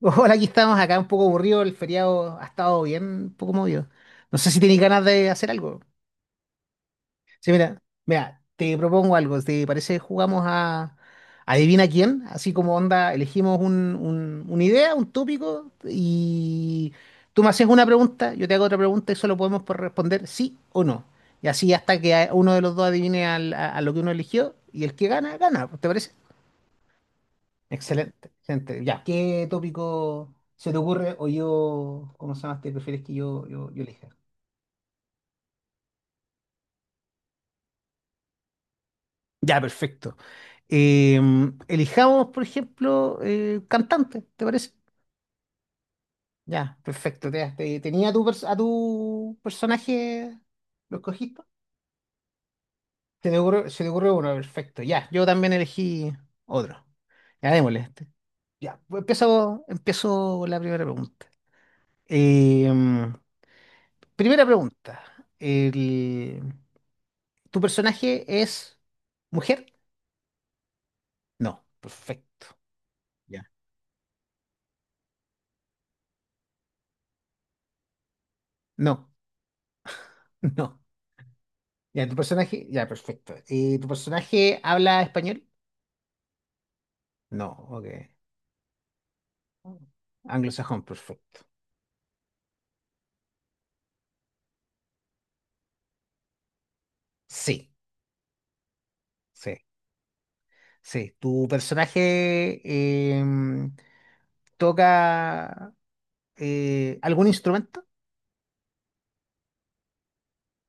Hola, aquí estamos acá un poco aburrido, el feriado ha estado bien, un poco movido. No sé si tenéis ganas de hacer algo. Sí, mira, mira, te propongo algo, ¿te parece? Jugamos a Adivina quién, así como onda, elegimos una idea, un tópico, y tú me haces una pregunta, yo te hago otra pregunta y solo podemos por responder sí o no. Y así hasta que uno de los dos adivine a lo que uno eligió, y el que gana, gana. ¿Te parece? Excelente, excelente. Ya, ¿qué tópico se te ocurre o yo, cómo se llama, te prefieres que yo elija? Ya, perfecto. Eh, elijamos, por ejemplo, cantante, ¿te parece? Ya, perfecto. Tenía a tu personaje, ¿lo escogiste? Se te ocurrió uno, perfecto. Ya, yo también elegí otro. Ya, démosle este. Ya, pues empiezo con la primera pregunta. Eh, primera pregunta. ¿Tu personaje es mujer? No, perfecto. Ya. No, no. Ya, tu personaje, ya, perfecto. ¿Y tu personaje habla español? No, ok. Anglosajón, perfecto. Sí, sí, sí. ¿Tu personaje em, toca algún instrumento?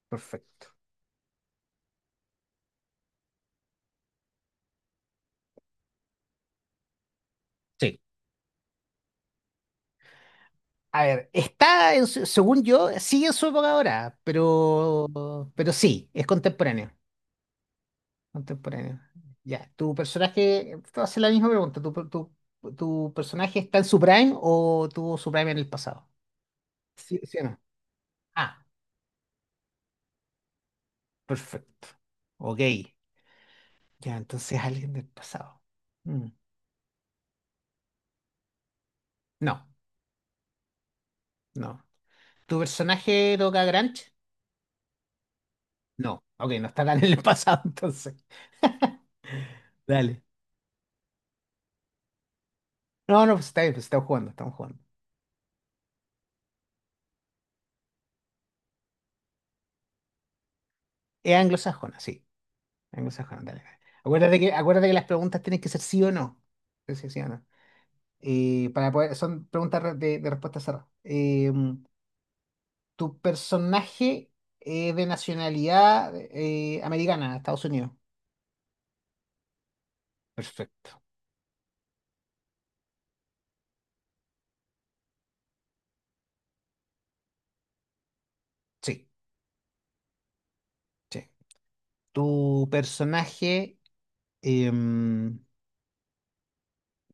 Perfecto. Sí. A ver, está, según yo, sigue en su época ahora, pero sí, es contemporáneo. Contemporáneo. Ya, ¿tu personaje, te voy a hacer la misma pregunta, ¿tu personaje está en su prime o tuvo su prime en el pasado? Sí, sí o no. Ah, perfecto. Ok. Ya, entonces alguien del pasado. Mm, No, no. ¿Tu personaje toca Grunge? No. Ok, no está tan en el pasado entonces. Dale. No, no, pues está bien, pues estamos jugando, estamos jugando. Es anglosajona, sí. Anglosajona, dale, dale. Acuérdate que las preguntas tienen que ser sí o no. Sí, sí, sí o no. Para poder, son preguntas de respuesta cerrada. ¿Tu personaje es de nacionalidad americana, Estados Unidos? Perfecto. Sí, sí. ¿Tu personaje, em,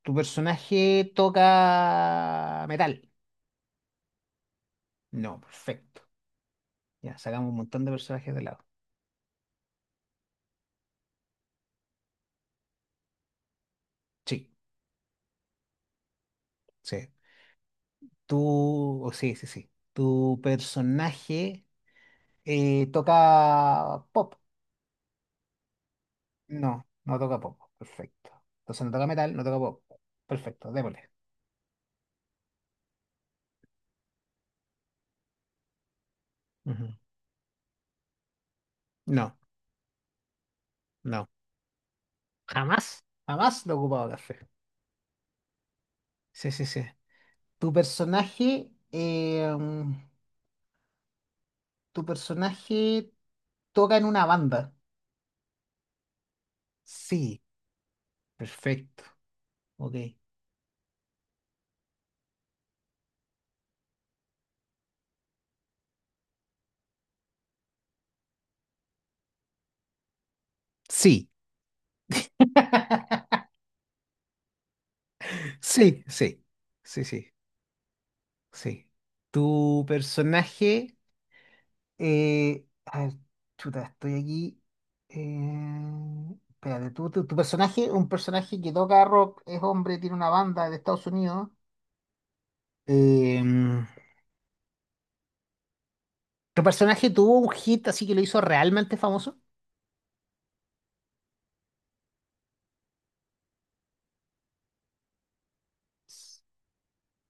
tu personaje toca metal? No, perfecto. Ya, sacamos un montón de personajes de lado. Sí, sí. Tú oh, sí, sí, sí. ¿Tu personaje toca pop? No, no toca pop. Perfecto. Entonces no toca metal, no toca pop. Perfecto, démosle. Ujú. No, no. Jamás. Jamás lo he ocupado café. Sí, sí, sí. Tu personaje, em, tu personaje toca en una banda. Sí, perfecto. Ok. Sí, sí, sí, sí, sí, sí. Tu personaje. A ver, chuta, estoy aquí. Espérate, ¿tu personaje, un personaje que toca rock, es hombre, tiene una banda de Estados Unidos. Em, ¿Tu personaje tuvo un hit así que lo hizo realmente famoso?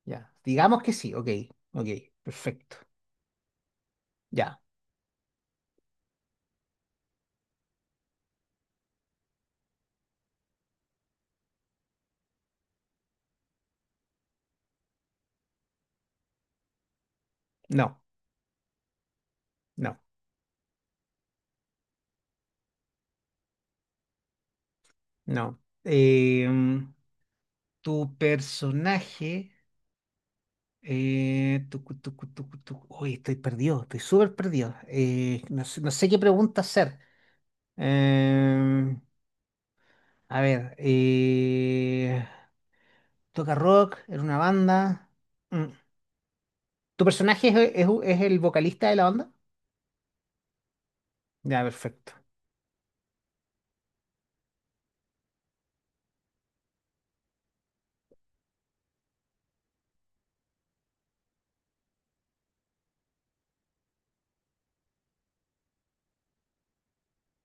Ya, digamos que sí, ok, ok, perfecto. Ya, no, no, no. Tu personaje. Tucu, tucu, tucu, tucu. Uy, estoy perdido, estoy súper perdido. No sé, no sé qué pregunta hacer. Em, a ver, toca rock, era una banda. Mm. ¿Tu personaje es el vocalista de la banda? Ya, perfecto.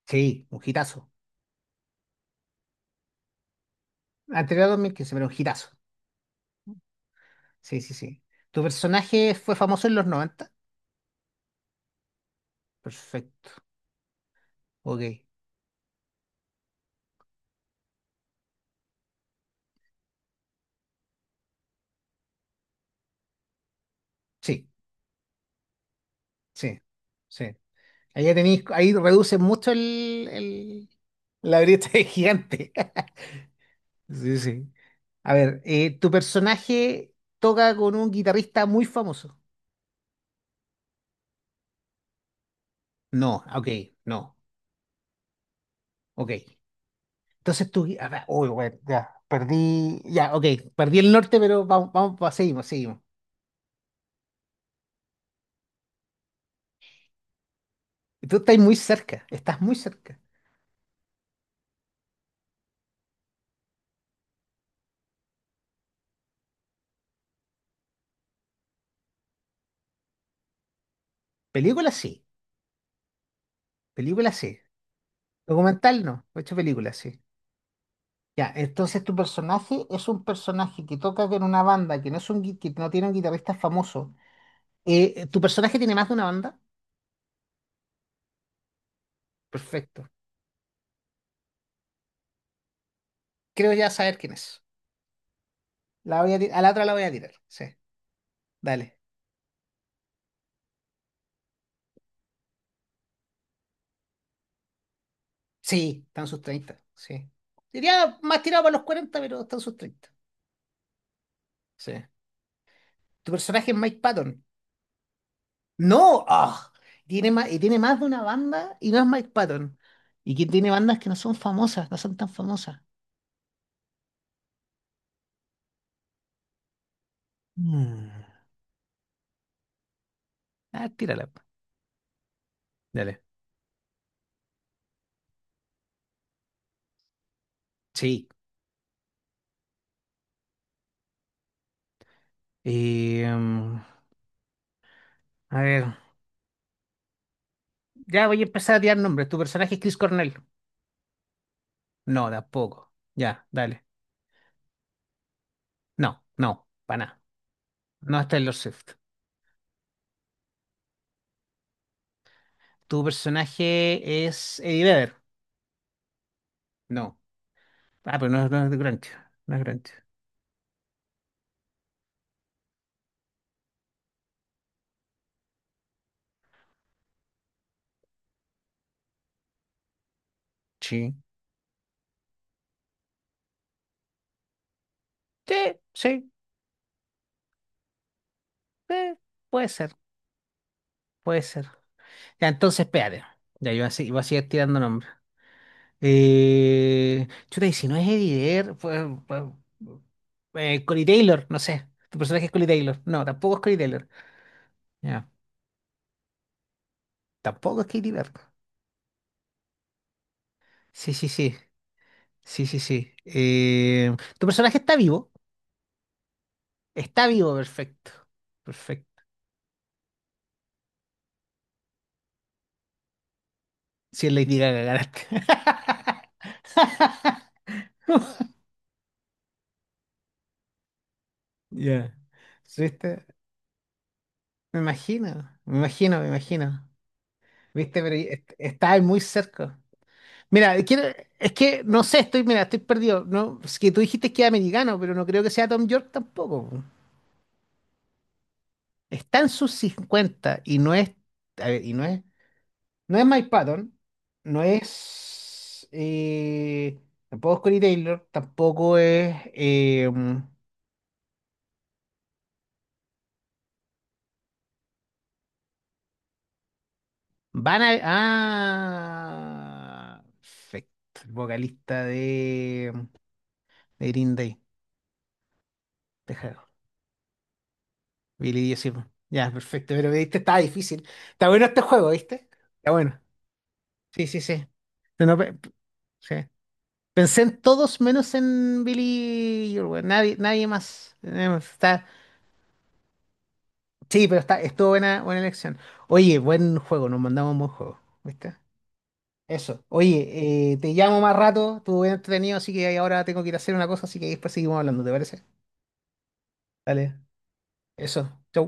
Sí, un hitazo. Anterior a 2015, pero un hitazo. Sí, sí, sí. ¿Tu personaje fue famoso en los 90. Perfecto. Ok. Sí, sí, sí. Ahí, ya tenéis, ahí reduce mucho la brecha de gigante. Sí, sí. A ver, ¿tu personaje toca con un guitarrista muy famoso? No, ok, no, ok. Entonces tú, a ver, uy, bueno, ya, perdí, ya, ok, perdí el norte, pero vamos, vamos, va, seguimos, seguimos. Y tú estás muy cerca, estás muy cerca. Película sí, película sí. Documental no, ocho películas sí. Ya, entonces tu personaje es un personaje que toca con una banda, que no es que no tiene un guitarrista famoso. ¿Tu personaje tiene más de una banda? Perfecto. Creo ya saber quién es. La voy a la otra la voy a tirar. Sí, dale. Sí, están sus treinta. Sí. Diría más tirado para los cuarenta, pero están sus treinta. Sí. ¿Tu personaje es Mike Patton? No. ¡Ah! Tiene más de una banda y no es Mike Patton. Y que tiene bandas que no son famosas, no son tan famosas. Mm. Ah, tírala. Po. Dale. Sí. Y, a ver, ya voy a empezar a tirar nombres. ¿Tu personaje es Chris Cornell? No, tampoco. Ya, dale. No, no, para nada. No es Taylor Swift. ¿Tu personaje es Eddie Vedder? No. Ah, pero no, es no es de Grancho. No es Grancho. Sí. Sí, sí. eh, puede ser, puede ser. Ya, entonces, espérate. Ya, yo así, iba a seguir tirando nombres. Chuta, y si no es Eddie Vedder, Corey Taylor, no sé. ¿Tu personaje es Corey Taylor? No, tampoco es Corey Taylor. Ya. Tampoco es Katie Vedder. Sí, sí, sí. Sí, sí, sí. ¿Tu personaje está vivo? Está vivo, perfecto. Si es Lady Gaga, ganaste. Ya. ¿Viste? Me imagino, me imagino, me imagino. ¿Viste? Pero está muy cerca. Mira, es que no sé, estoy, mira, estoy perdido. No, es que tú dijiste que era americano, pero no creo que sea Tom York tampoco. Po. Está en sus 50 y no es, a ver, y no es, no es Mike Patton, no es, tampoco es Corey Taylor, tampoco es, Van a... Ah, perfecto. El vocalista de Green Day. Deja, Billy Dio Silva. Ya, perfecto. Pero viste, está difícil. Está bueno este juego, ¿viste? Está bueno. Sí, sí, sí. No, no, sí. Pensé en todos menos en Billy Joel, weón. Nadie, nadie más. Nadie más. Está... Sí, pero estuvo buena, buena elección. Oye, buen juego, nos mandamos un buen juego. ¿Viste? Eso. Oye, te llamo más rato, estuvo bien entretenido, así que ahora tengo que ir a hacer una cosa, así que después seguimos hablando, ¿te parece? Dale. Eso. Chau.